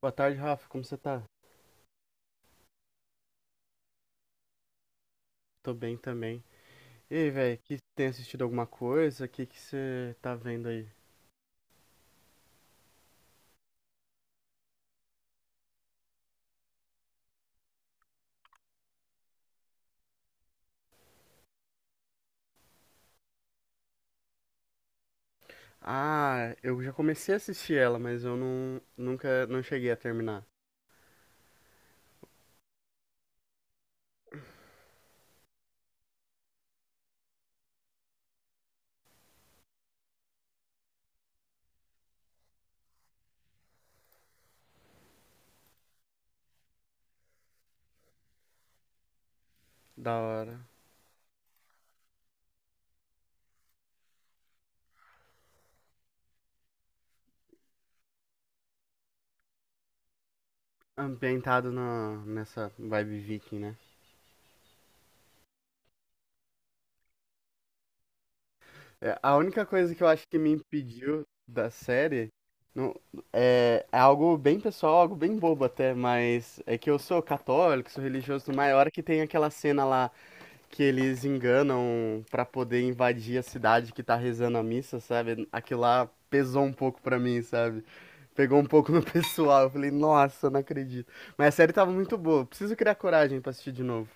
Boa tarde, Rafa. Como você tá? Tô bem também. E aí, velho, que tem assistido alguma coisa? O que que você tá vendo aí? Ah, eu já comecei a assistir ela, mas eu não, nunca não cheguei a terminar. Da hora. Ambientado nessa vibe viking, né? É, a única coisa que eu acho que me impediu da série não, é, é algo bem pessoal, algo bem bobo até, mas é que eu sou católico, sou religioso, mas a hora que tem aquela cena lá que eles enganam pra poder invadir a cidade que tá rezando a missa, sabe? Aquilo lá pesou um pouco pra mim, sabe? Pegou um pouco no pessoal. Eu falei, nossa, não acredito. Mas a série tava muito boa. Preciso criar coragem pra assistir de novo.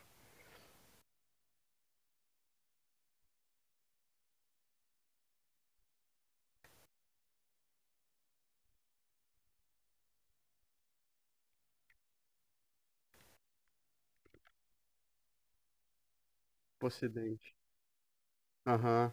O Ocidente. Aham.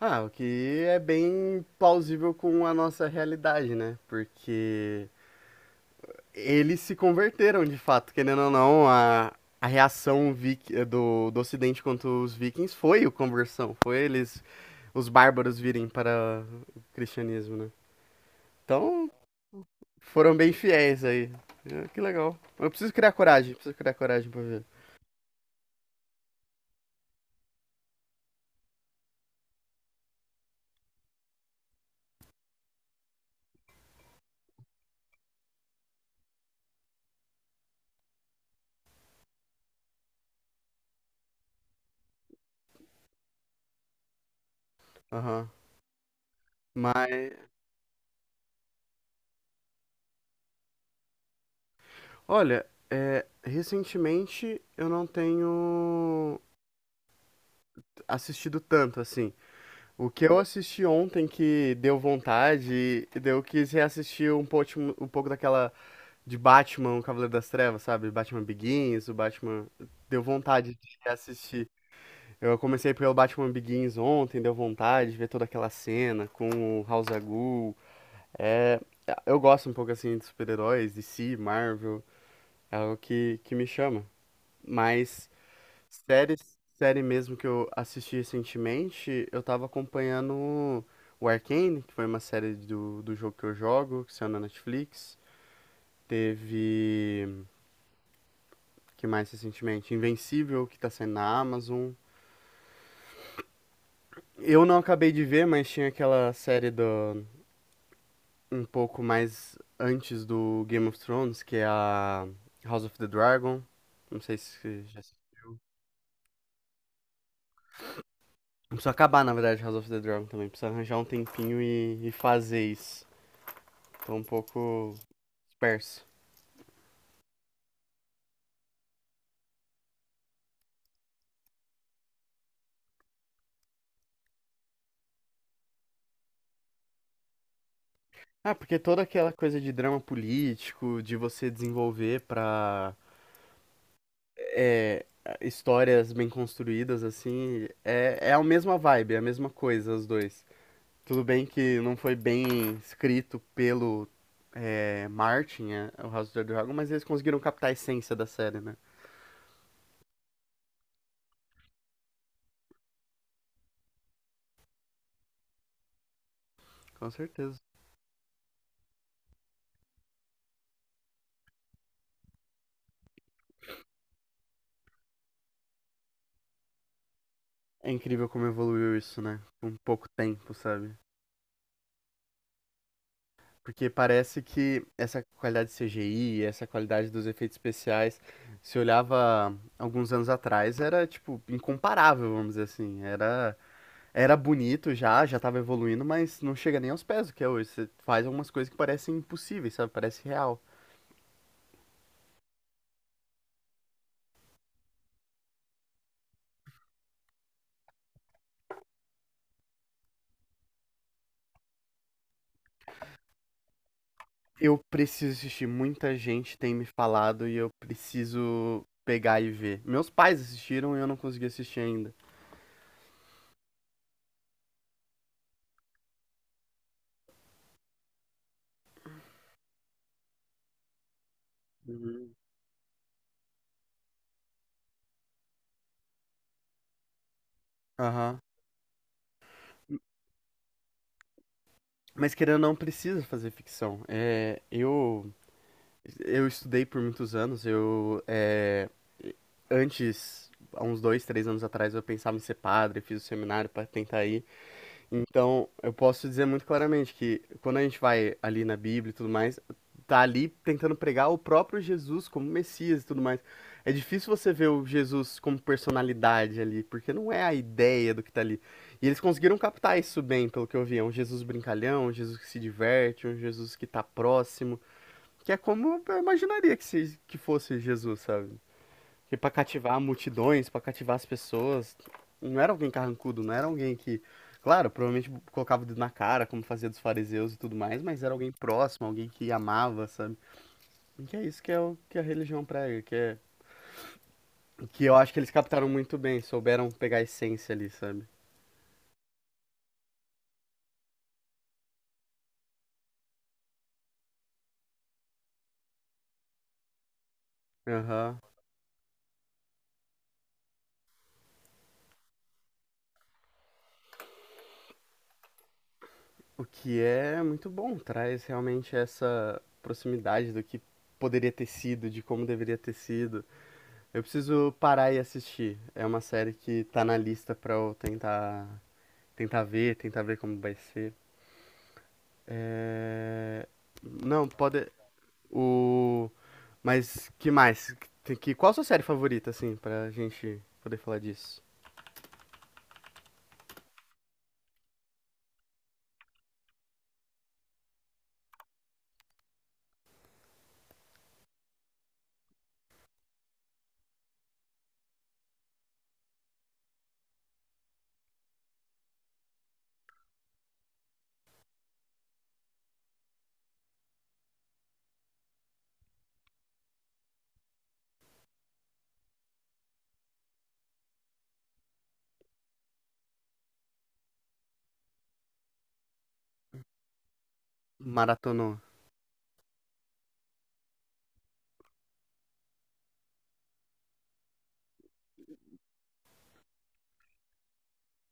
Ah, o que é bem plausível com a nossa realidade, né? Porque eles se converteram de fato, querendo ou não, a reação do, Ocidente contra os vikings foi a conversão, foi eles os bárbaros virem para o cristianismo, né? Então, foram bem fiéis aí. É, que legal. Eu preciso criar coragem pra ver. Aham. Mas, olha, é, recentemente eu não tenho assistido tanto, assim. O que eu assisti ontem que deu vontade, e daí eu quis reassistir um pouco daquela de Batman, o Cavaleiro das Trevas, sabe? Batman Begins, o Batman... Deu vontade de reassistir. Eu comecei pelo Batman Begins ontem, deu vontade de ver toda aquela cena com o House Agul. É, eu gosto um pouco assim de super-heróis, DC, Marvel, é algo que me chama. Mas séries, série mesmo que eu assisti recentemente, eu tava acompanhando o Arcane, que foi uma série do jogo que eu jogo, que saiu na Netflix. Teve, que mais recentemente? Invencível, que tá saindo na Amazon. Eu não acabei de ver, mas tinha aquela série do um pouco mais antes do Game of Thrones, que é a House of the Dragon. Não sei se você já assistiu. Preciso acabar, na verdade, House of the Dragon também. Preciso arranjar um tempinho e fazer isso. Tô um pouco disperso. Ah, porque toda aquela coisa de drama político, de você desenvolver pra é, histórias bem construídas, assim, é, é a mesma vibe, é a mesma coisa, os dois. Tudo bem que não foi bem escrito pelo é, Martin, é, o House of the Dragon, mas eles conseguiram captar a essência da série, né? Com certeza. É incrível como evoluiu isso, né? Com pouco tempo, sabe? Porque parece que essa qualidade de CGI, essa qualidade dos efeitos especiais, se olhava alguns anos atrás, era, tipo, incomparável, vamos dizer assim. Era, era bonito já, já tava evoluindo, mas não chega nem aos pés do que é hoje. Você faz algumas coisas que parecem impossíveis, sabe? Parece real. Eu preciso assistir. Muita gente tem me falado e eu preciso pegar e ver. Meus pais assistiram e eu não consegui assistir ainda. Uhum. Aham. Mas querendo ou não, precisa fazer ficção. Eu estudei por muitos anos. Eu, é, antes, há uns dois, três anos atrás, eu pensava em ser padre, fiz o seminário para tentar ir. Então, eu posso dizer muito claramente que quando a gente vai ali na Bíblia e tudo mais, tá ali tentando pregar o próprio Jesus como Messias e tudo mais. É difícil você ver o Jesus como personalidade ali, porque não é a ideia do que tá ali. E eles conseguiram captar isso bem, pelo que eu vi. É um Jesus brincalhão, um Jesus que se diverte, um Jesus que tá próximo, que é como eu imaginaria que, se, que fosse Jesus, sabe? Que para cativar multidões, para cativar as pessoas, não era alguém carrancudo, não era alguém que, claro, provavelmente colocava o dedo na cara, como fazia dos fariseus e tudo mais, mas era alguém próximo, alguém que amava, sabe? E que é isso que é o que é a religião prega, que é que eu acho que eles captaram muito bem, souberam pegar a essência ali, sabe? Aham. O que é muito bom, traz realmente essa proximidade do que poderia ter sido, de como deveria ter sido. Eu preciso parar e assistir. É uma série que tá na lista pra eu tentar, tentar ver como vai ser. É... Não, pode. O. Mas que mais? Qual a sua série favorita, assim, pra gente poder falar disso? Maratonou.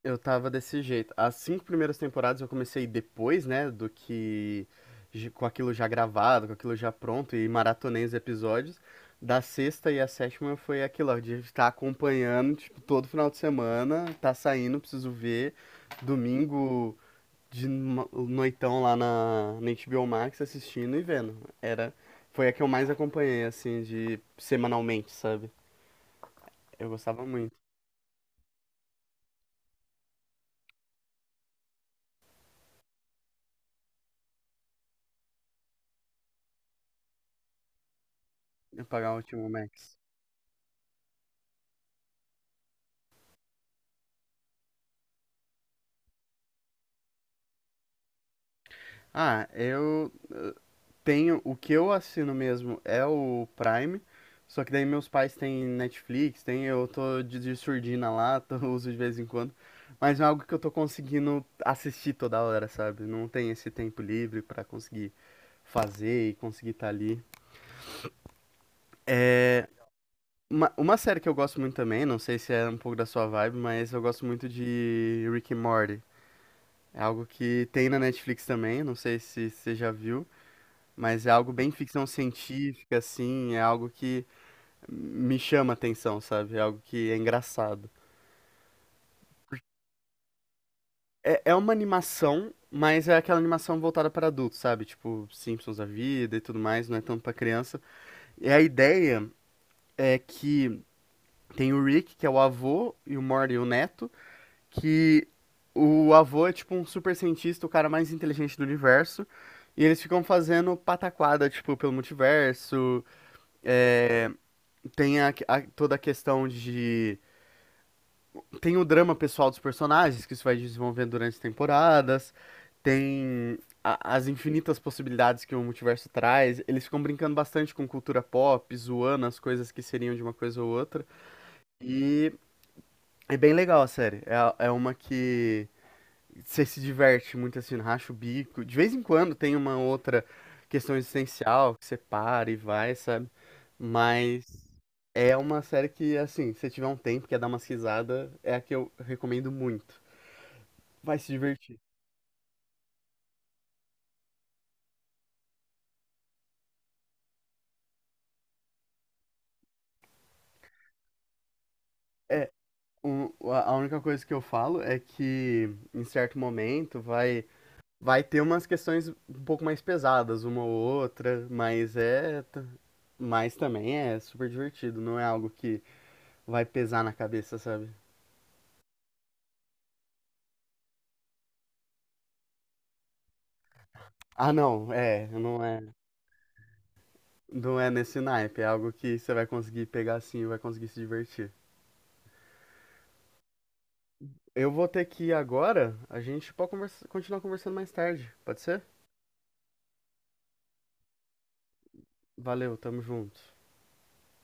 Eu tava desse jeito. As cinco primeiras temporadas eu comecei depois, né, do que com aquilo já gravado, com aquilo já pronto e maratonei os episódios. Da sexta e a sétima foi aquilo, ó, de estar acompanhando, tipo, todo final de semana, tá saindo, preciso ver. Domingo de noitão lá na HBO Max assistindo e vendo. Era, foi a que eu mais acompanhei, assim, de semanalmente, sabe? Eu gostava muito de pagar o HBO Max. Ah, eu tenho, o que eu assino mesmo é o Prime, só que daí meus pais têm Netflix, tem, eu tô de surdina lá, tô, uso de vez em quando, mas é algo que eu tô conseguindo assistir toda hora, sabe? Não tem esse tempo livre pra conseguir fazer e conseguir estar ali. É uma série que eu gosto muito também, não sei se é um pouco da sua vibe, mas eu gosto muito de Rick and Morty. É algo que tem na Netflix também, não sei se você já viu, mas é algo bem ficção científica, assim, é algo que me chama atenção, sabe? É algo que é engraçado. É, é uma animação, mas é aquela animação voltada para adultos, sabe? Tipo, Simpsons da vida e tudo mais, não é tanto para criança. E a ideia é que tem o Rick, que é o avô, e o Morty, o neto, que o avô é tipo um super cientista, o cara mais inteligente do universo. E eles ficam fazendo pataquada, tipo, pelo multiverso. Tem toda a questão de tem o drama pessoal dos personagens, que isso vai desenvolvendo durante as temporadas. Tem as infinitas possibilidades que o multiverso traz. Eles ficam brincando bastante com cultura pop, zoando as coisas que seriam de uma coisa ou outra. E é bem legal a série. É, é uma que você se diverte muito assim, racha o bico. De vez em quando tem uma outra questão existencial que você para e vai, sabe? Mas é uma série que, assim, se você tiver um tempo, quer dar uma risada, é a que eu recomendo muito. Vai se divertir. É, um, a única coisa que eu falo é que em certo momento vai ter umas questões um pouco mais pesadas, uma ou outra, mas é mas também é super divertido, não é algo que vai pesar na cabeça, sabe? Ah, não, é, não é, não é nesse naipe, é algo que você vai conseguir pegar assim, e vai conseguir se divertir. Eu vou ter que ir agora, a gente pode continuar conversando mais tarde, pode ser? Valeu, tamo junto.